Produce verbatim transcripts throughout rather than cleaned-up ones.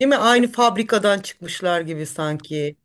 Değil mi? Aynı fabrikadan çıkmışlar gibi sanki.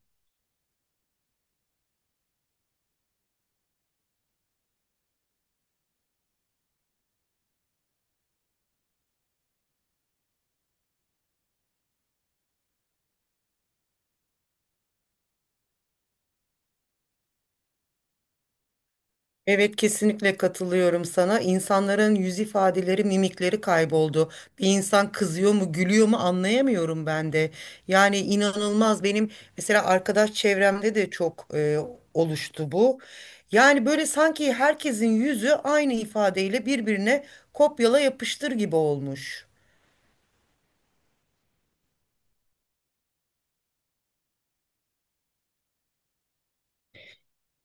Evet, kesinlikle katılıyorum sana. İnsanların yüz ifadeleri, mimikleri kayboldu. Bir insan kızıyor mu, gülüyor mu anlayamıyorum ben de. Yani inanılmaz benim mesela arkadaş çevremde de çok e, oluştu bu. Yani böyle sanki herkesin yüzü aynı ifadeyle birbirine kopyala yapıştır gibi olmuş.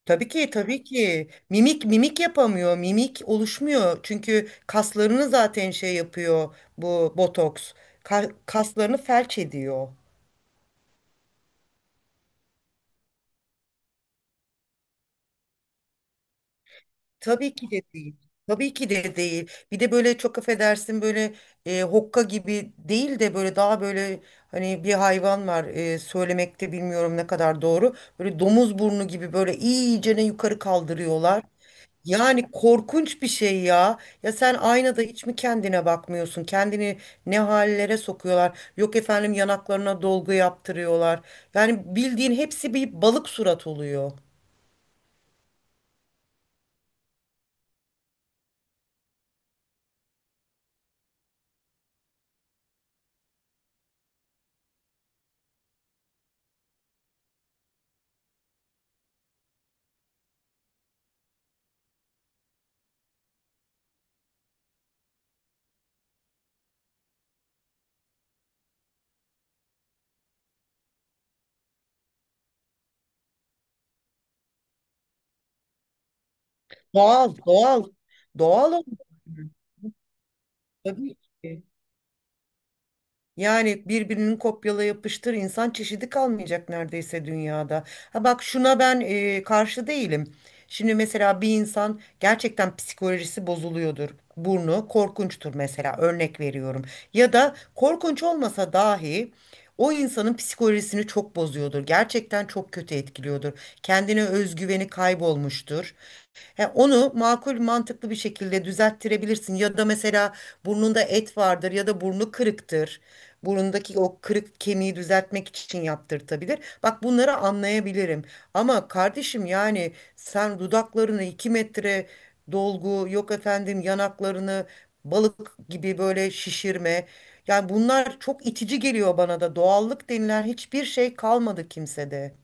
Tabii ki, tabii ki. Mimik mimik yapamıyor. Mimik oluşmuyor. Çünkü kaslarını zaten şey yapıyor bu botoks. Ka- kaslarını felç ediyor. Tabii ki de değil. Tabii ki de değil. Bir de böyle çok affedersin böyle e, hokka gibi değil de böyle daha böyle hani bir hayvan var, e, söylemekte bilmiyorum ne kadar doğru. Böyle domuz burnu gibi böyle iyicene yukarı kaldırıyorlar. Yani korkunç bir şey ya. Ya sen aynada hiç mi kendine bakmıyorsun? Kendini ne hallere sokuyorlar? Yok efendim, yanaklarına dolgu yaptırıyorlar. Yani bildiğin hepsi bir balık surat oluyor. Doğal, doğal. Doğal oluyor. Tabii ki. Yani birbirinin kopyala yapıştır insan çeşidi kalmayacak neredeyse dünyada. Ha bak, şuna ben e, karşı değilim. Şimdi mesela bir insan gerçekten psikolojisi bozuluyordur. Burnu korkunçtur mesela, örnek veriyorum. Ya da korkunç olmasa dahi o insanın psikolojisini çok bozuyordur. Gerçekten çok kötü etkiliyordur. Kendine özgüveni kaybolmuştur. He, onu makul mantıklı bir şekilde düzelttirebilirsin ya da mesela burnunda et vardır ya da burnu kırıktır. Burundaki o kırık kemiği düzeltmek için yaptırtabilir. Bak, bunları anlayabilirim. Ama kardeşim yani sen dudaklarını iki metre dolgu, yok efendim yanaklarını balık gibi böyle şişirme. Yani bunlar çok itici geliyor bana da. Doğallık denilen hiçbir şey kalmadı kimsede.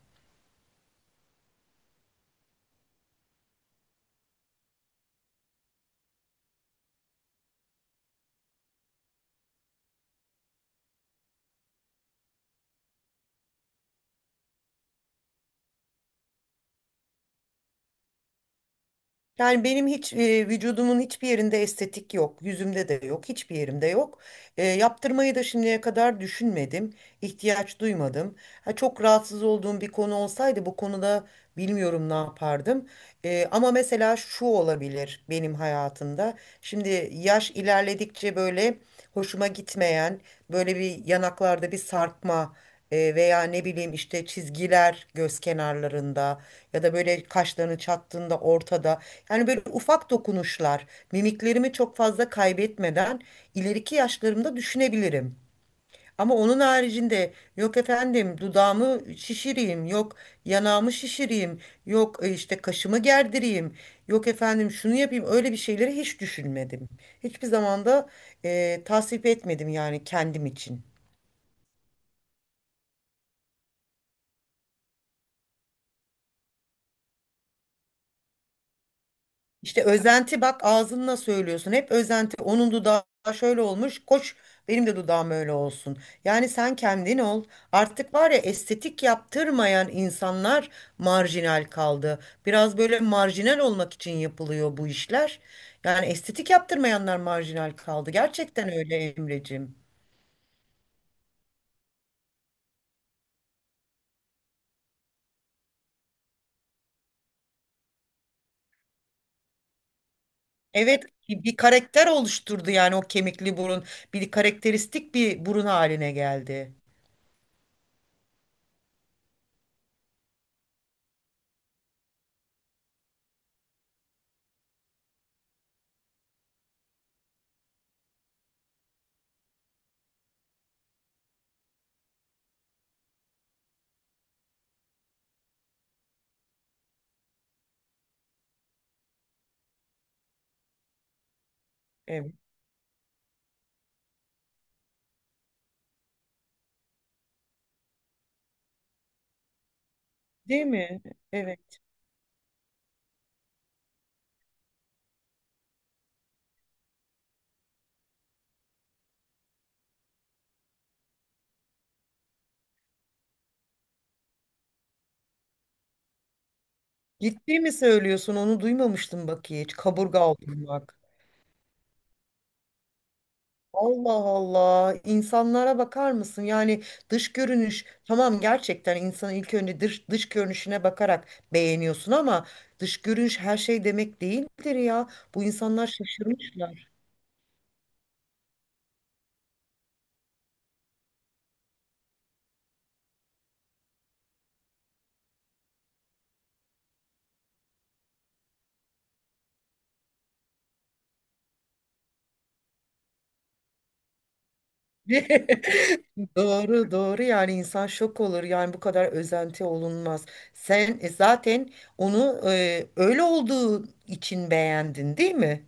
Yani benim hiç e, vücudumun hiçbir yerinde estetik yok. Yüzümde de yok. Hiçbir yerimde yok. E, yaptırmayı da şimdiye kadar düşünmedim. İhtiyaç duymadım. Ha, çok rahatsız olduğum bir konu olsaydı bu konuda bilmiyorum ne yapardım. E, ama mesela şu olabilir benim hayatımda. Şimdi yaş ilerledikçe böyle hoşuma gitmeyen böyle bir yanaklarda bir sarkma, e, veya ne bileyim işte çizgiler göz kenarlarında ya da böyle kaşlarını çattığında ortada. Yani böyle ufak dokunuşlar mimiklerimi çok fazla kaybetmeden ileriki yaşlarımda düşünebilirim. Ama onun haricinde yok efendim dudağımı şişireyim, yok yanağımı şişireyim, yok e, işte kaşımı gerdireyim, yok efendim şunu yapayım, öyle bir şeyleri hiç düşünmedim. Hiçbir zaman da e, tasvip etmedim yani kendim için. İşte özenti, bak ağzınla söylüyorsun. Hep özenti. Onun dudağı şöyle olmuş. Koş, benim de dudağım öyle olsun. Yani sen kendin ol. Artık var ya, estetik yaptırmayan insanlar marjinal kaldı. Biraz böyle marjinal olmak için yapılıyor bu işler. Yani estetik yaptırmayanlar marjinal kaldı. Gerçekten öyle Emreciğim. Evet, bir bir karakter oluşturdu yani o kemikli burun. Bir karakteristik bir burun haline geldi. Evet. Değil mi? Evet. Ciddi mi söylüyorsun? Onu duymamıştım bak hiç. Kaburga aldırmak. Allah Allah. İnsanlara bakar mısın? Yani dış görünüş tamam, gerçekten insanın ilk önce dış, dış görünüşüne bakarak beğeniyorsun ama dış görünüş her şey demek değildir ya. Bu insanlar şaşırmışlar. Doğru doğru, yani insan şok olur yani, bu kadar özenti olunmaz. Sen e, zaten onu e, öyle olduğu için beğendin, değil mi?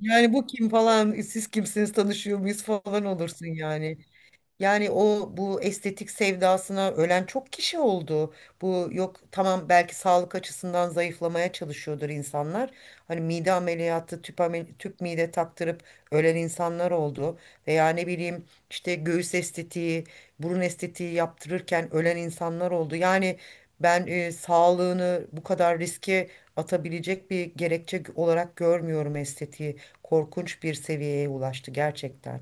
Yani bu kim falan, siz kimsiniz, tanışıyor muyuz falan olursun yani. Yani o bu estetik sevdasına ölen çok kişi oldu. Bu yok tamam, belki sağlık açısından zayıflamaya çalışıyordur insanlar. Hani mide ameliyatı, tüp, amel- tüp mide taktırıp ölen insanlar oldu. Veya ne bileyim işte göğüs estetiği, burun estetiği yaptırırken ölen insanlar oldu. Yani ben e, sağlığını bu kadar riske atabilecek bir gerekçe olarak görmüyorum estetiği. Korkunç bir seviyeye ulaştı gerçekten.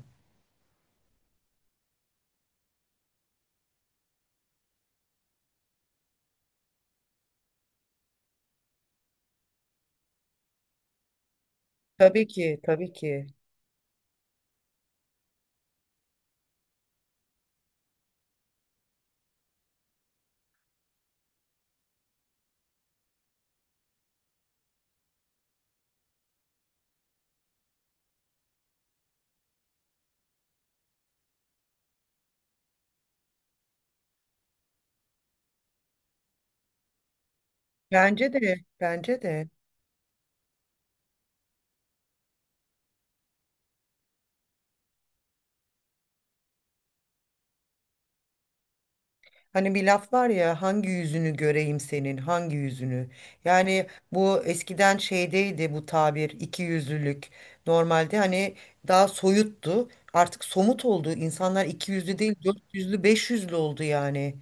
Tabii ki, tabii ki. Bence de, bence de. Hani bir laf var ya, hangi yüzünü göreyim senin, hangi yüzünü? Yani bu eskiden şeydeydi, bu tabir iki yüzlülük. Normalde hani daha soyuttu. Artık somut oldu. İnsanlar iki yüzlü değil, dört yüzlü beş yüzlü oldu yani.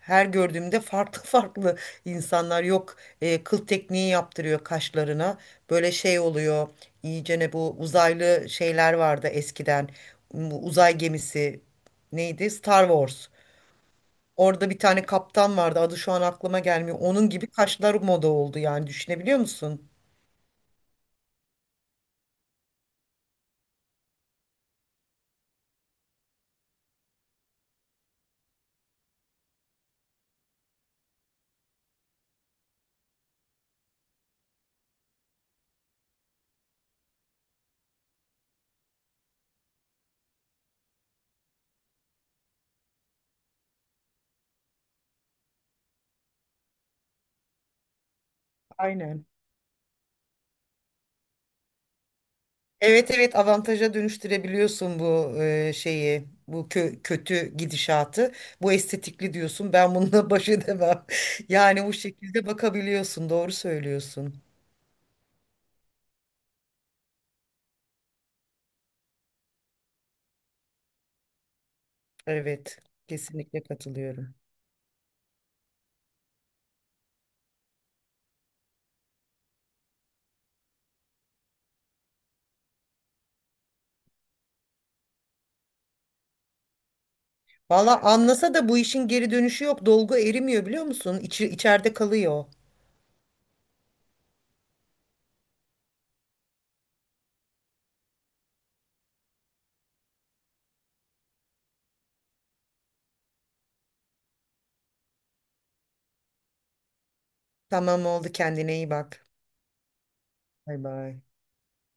Her gördüğümde farklı farklı insanlar, yok e, kıl tekniği yaptırıyor kaşlarına. Böyle şey oluyor. İyice ne bu uzaylı şeyler vardı eskiden. Bu uzay gemisi neydi? Star Wars. Orada bir tane kaptan vardı. Adı şu an aklıma gelmiyor. Onun gibi kaşlar moda oldu yani, düşünebiliyor musun? Aynen. Evet evet, avantaja dönüştürebiliyorsun bu e, şeyi, bu kö- kötü gidişatı, bu estetikli diyorsun, ben bununla baş edemem yani bu şekilde bakabiliyorsun, doğru söylüyorsun. Evet, kesinlikle katılıyorum. Valla anlasa da bu işin geri dönüşü yok, dolgu erimiyor biliyor musun? İçi, içeride kalıyor. Tamam, oldu, kendine iyi bak. Bay bay.